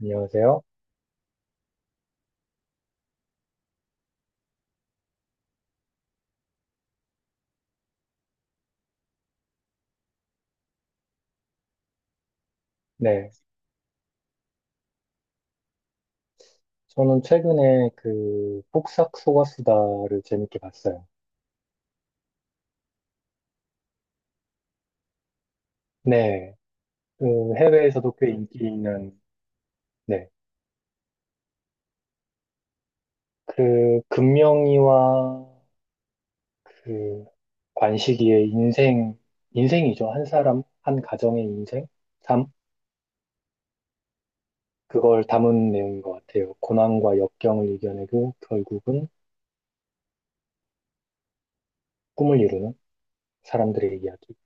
안녕하세요. 네. 저는 최근에 그 폭삭 소가수다를 재밌게 봤어요. 네. 그 해외에서도 꽤 인기 있는, 네. 그 금명이와 그 관식이의 인생, 인생이죠. 한 사람, 한 가정의 인생? 삶? 그걸 담은 내용인 것 같아요. 고난과 역경을 이겨내고 결국은 꿈을 이루는 사람들의 이야기.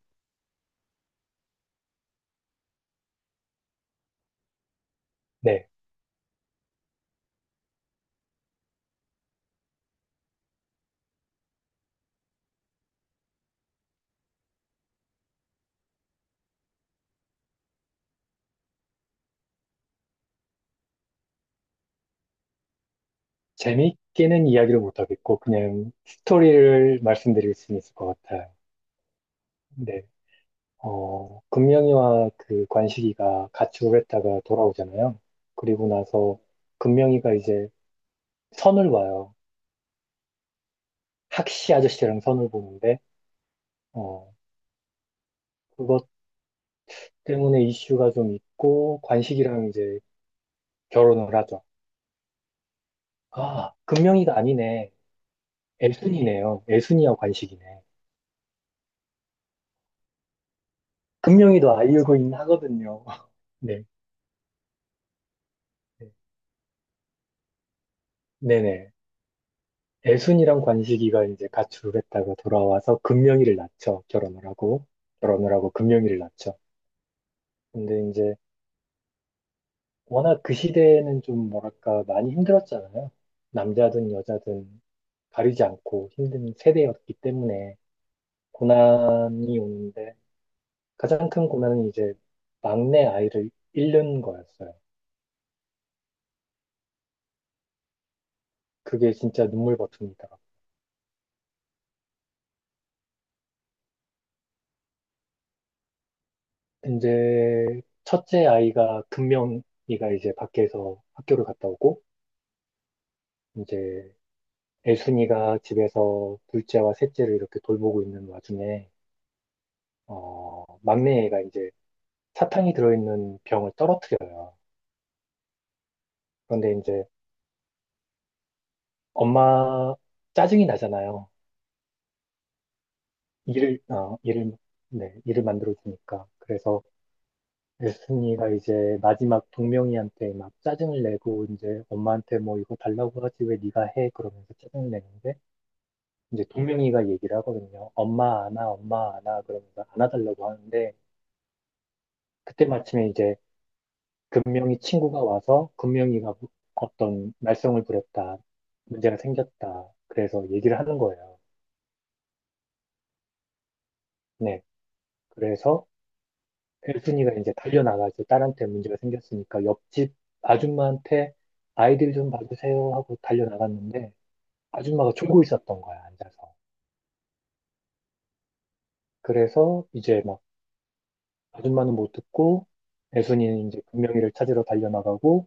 네. 재밌게는 이야기를 못하겠고, 그냥 스토리를 말씀드릴 수 있을 것 같아요. 네. 금명이와 그 관식이가 같이 했다가 돌아오잖아요. 그리고 나서 금명이가 이제 선을 봐요. 학시 아저씨랑 선을 보는데, 어, 그것 때문에 이슈가 좀 있고, 관식이랑 이제 결혼을 하죠. 아, 금명이가 아니네. 애순이네요. 애순이와 관식이네. 금명이도 알고는 하거든요. 네. 네. 네네. 애순이랑 관식이가 이제 가출을 했다가 돌아와서 금명이를 낳죠. 결혼을 하고. 결혼을 하고 금명이를 낳죠. 근데 이제 워낙 그 시대에는 좀 뭐랄까 많이 힘들었잖아요. 남자든 여자든 가리지 않고 힘든 세대였기 때문에 고난이 오는데 가장 큰 고난은 이제 막내 아이를 잃는 거였어요. 그게 진짜 눈물 버튼이더라고요. 이제 첫째 아이가 금명이가 이제 밖에서 학교를 갔다 오고 이제 애순이가 집에서 둘째와 셋째를 이렇게 돌보고 있는 와중에 막내 애가 이제 사탕이 들어있는 병을 떨어뜨려요. 그런데 이제 엄마 짜증이 나잖아요. 일을, 네, 일을 만들어주니까. 그래서 에스니가 이제 마지막 동명이한테 막 짜증을 내고 이제 엄마한테 뭐 이거 달라고 하지 왜 네가 해? 그러면서 짜증을 내는데 이제 동명이가 얘기를 하거든요. 엄마 안아, 엄마 안아 그러면서 안아달라고 하는데 그때 마침에 이제 금명이 친구가 와서 금명이가 어떤 말썽을 부렸다. 문제가 생겼다. 그래서 얘기를 하는 거예요. 네. 그래서 혜순이가 이제 달려나가서 딸한테 문제가 생겼으니까 옆집 아줌마한테 아이들 좀 봐주세요 하고 달려나갔는데 아줌마가 졸고 있었던 거야, 앉아서. 그래서 이제 막 아줌마는 못 듣고 혜순이는 이제 금명이를 찾으러 달려나가고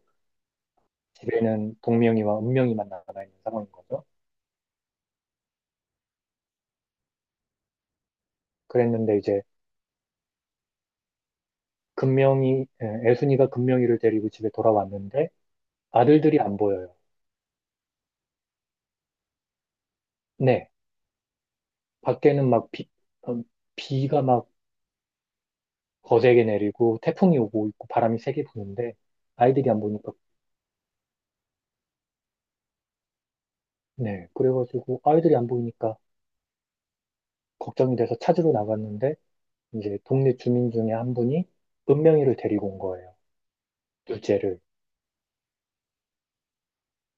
집에는 동명이와 은명이만 나가 있는 상황인 거죠. 그랬는데 이제 금명이, 예, 애순이가 금명이를 데리고 집에 돌아왔는데 아들들이 안 보여요. 네, 밖에는 막 비, 어, 비가 막 거세게 내리고 태풍이 오고 있고 바람이 세게 부는데 아이들이 안 보니까 네, 그래가지고 아이들이 안 보이니까 걱정이 돼서 찾으러 나갔는데 이제 동네 주민 중에 한 분이 은명이를 데리고 온 거예요. 둘째를.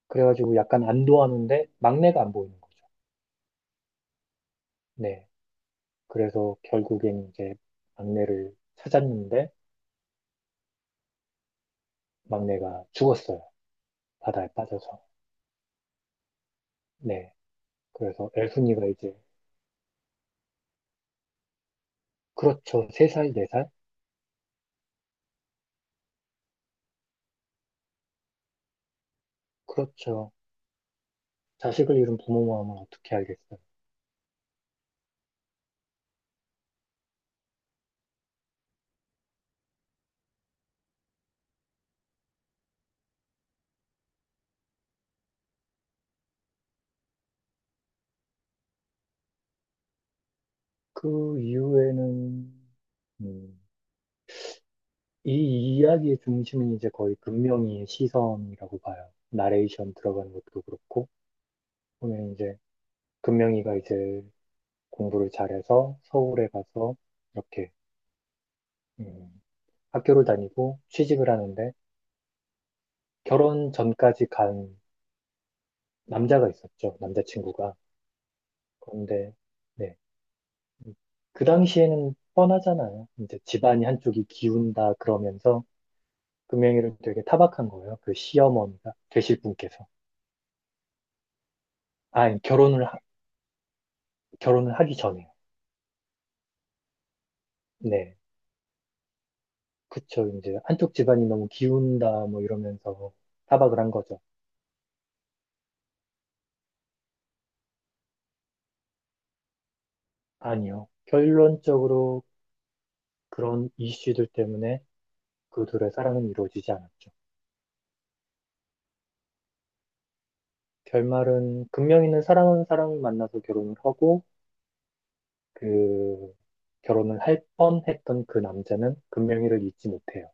그래가지고 약간 안도하는데 막내가 안 보이는 거죠. 네, 그래서 결국엔 이제 막내를 찾았는데 막내가 죽었어요. 바다에 빠져서. 네. 그래서 엘순이가 이제, 그렇죠. 세살네살 그렇죠. 자식을 잃은 부모 마음을 어떻게 알겠어요. 그 이후에는, 음, 이 이야기의 중심은 이제 거의 금명이의 시선이라고 봐요. 나레이션 들어가는 것도 그렇고, 보면 이제, 금명이가 이제 공부를 잘해서 서울에 가서 이렇게, 음, 학교를 다니고 취직을 하는데, 결혼 전까지 간 남자가 있었죠. 남자친구가. 그런데, 네. 그 당시에는 뻔하잖아요. 이제 집안이 한쪽이 기운다 그러면서 금명이를 되게 타박한 거예요. 그 시어머니가 되실 분께서. 아, 결혼을 하기 전에. 네. 그쵸. 이제 한쪽 집안이 너무 기운다 뭐 이러면서 타박을 한 거죠. 아니요. 결론적으로 그런 이슈들 때문에 그 둘의 사랑은 이루어지지 않았죠. 결말은 금명이는 사랑하는 사람을 만나서 결혼을 하고 그 결혼을 할 뻔했던 그 남자는 금명이를 잊지 못해요.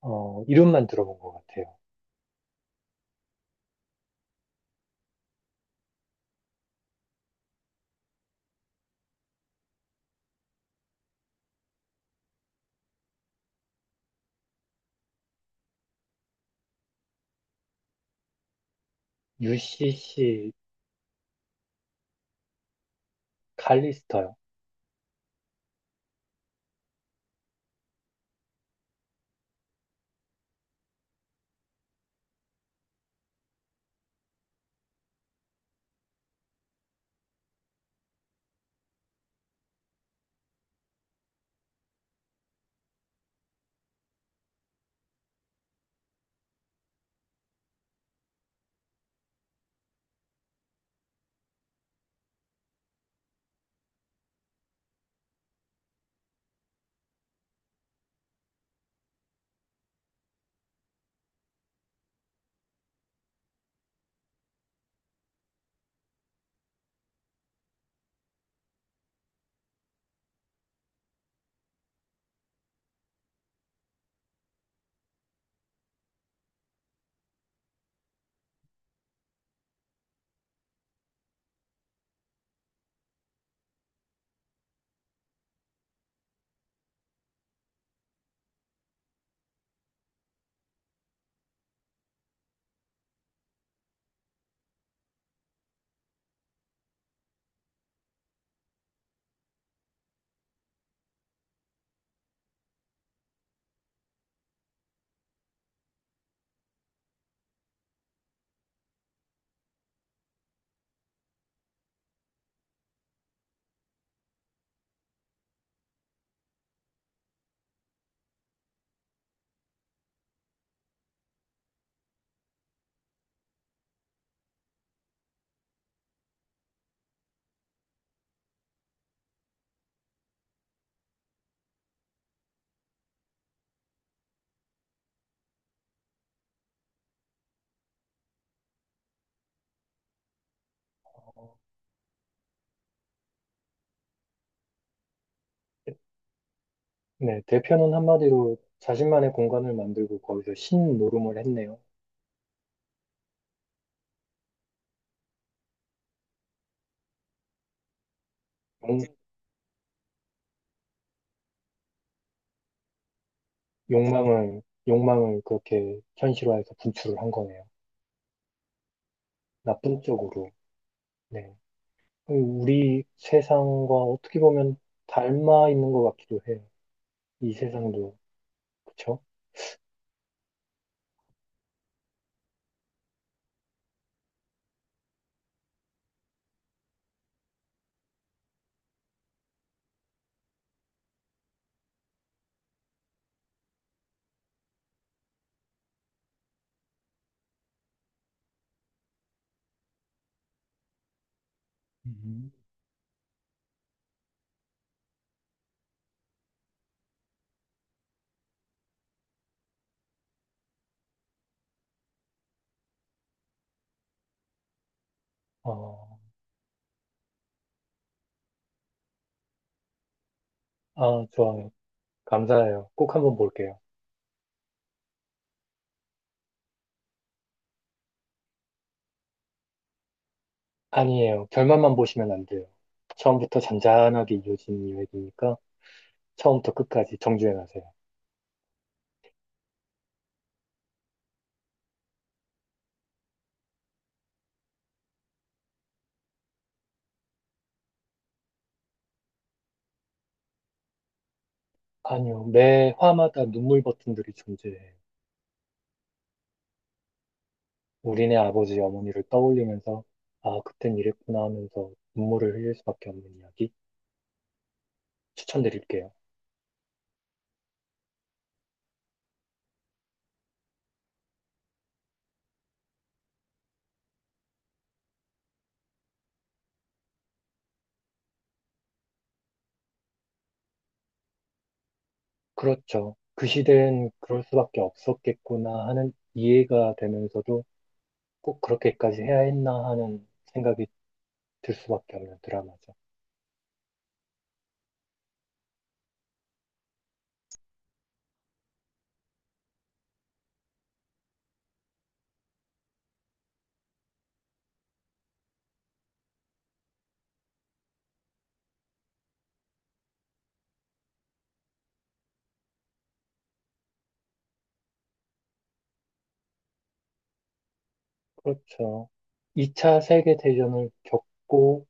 어, 이름만 들어본 것 같아요. UCC 칼리스터요. 네, 대표는 한마디로 자신만의 공간을 만들고 거기서 신노름을 했네요. 욕, 욕망을, 욕망을 그렇게 현실화해서 분출을 한 거네요. 나쁜 쪽으로. 네. 우리 세상과 어떻게 보면 닮아 있는 것 같기도 해요. 이 세상도. 그쵸? 음. 어, 아, 좋아요. 감사해요. 꼭 한번 볼게요. 아니에요. 결말만 보시면 안 돼요. 처음부터 잔잔하게 이어진 이야기니까 처음부터 끝까지 정주행하세요. 아니요. 매 화마다 눈물 버튼들이 존재해요. 우리네 아버지, 어머니를 떠올리면서 아, 그땐 이랬구나 하면서 눈물을 흘릴 수밖에 없는 이야기 추천드릴게요. 그렇죠. 그 시대엔 그럴 수밖에 없었겠구나 하는 이해가 되면서도 꼭 그렇게까지 해야 했나 하는 생각이 들 수밖에 없는 드라마죠. 그렇죠. 2차 세계 대전을 겪고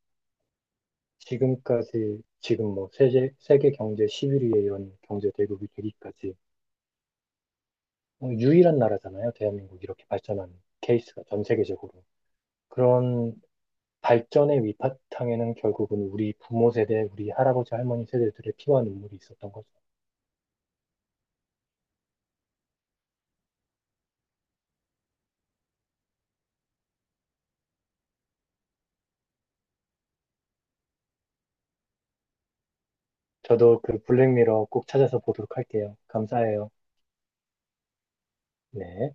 지금까지 지금 뭐 세계 경제 11위에 이런 경제 대국이 되기까지 어, 유일한 나라잖아요. 대한민국 이렇게 발전한 케이스가 전 세계적으로. 그런 발전의 위바탕에는 결국은 우리 부모 세대, 우리 할아버지 할머니 세대들의 피와 눈물이 있었던 거죠. 저도 그 블랙미러 꼭 찾아서 보도록 할게요. 감사해요. 네.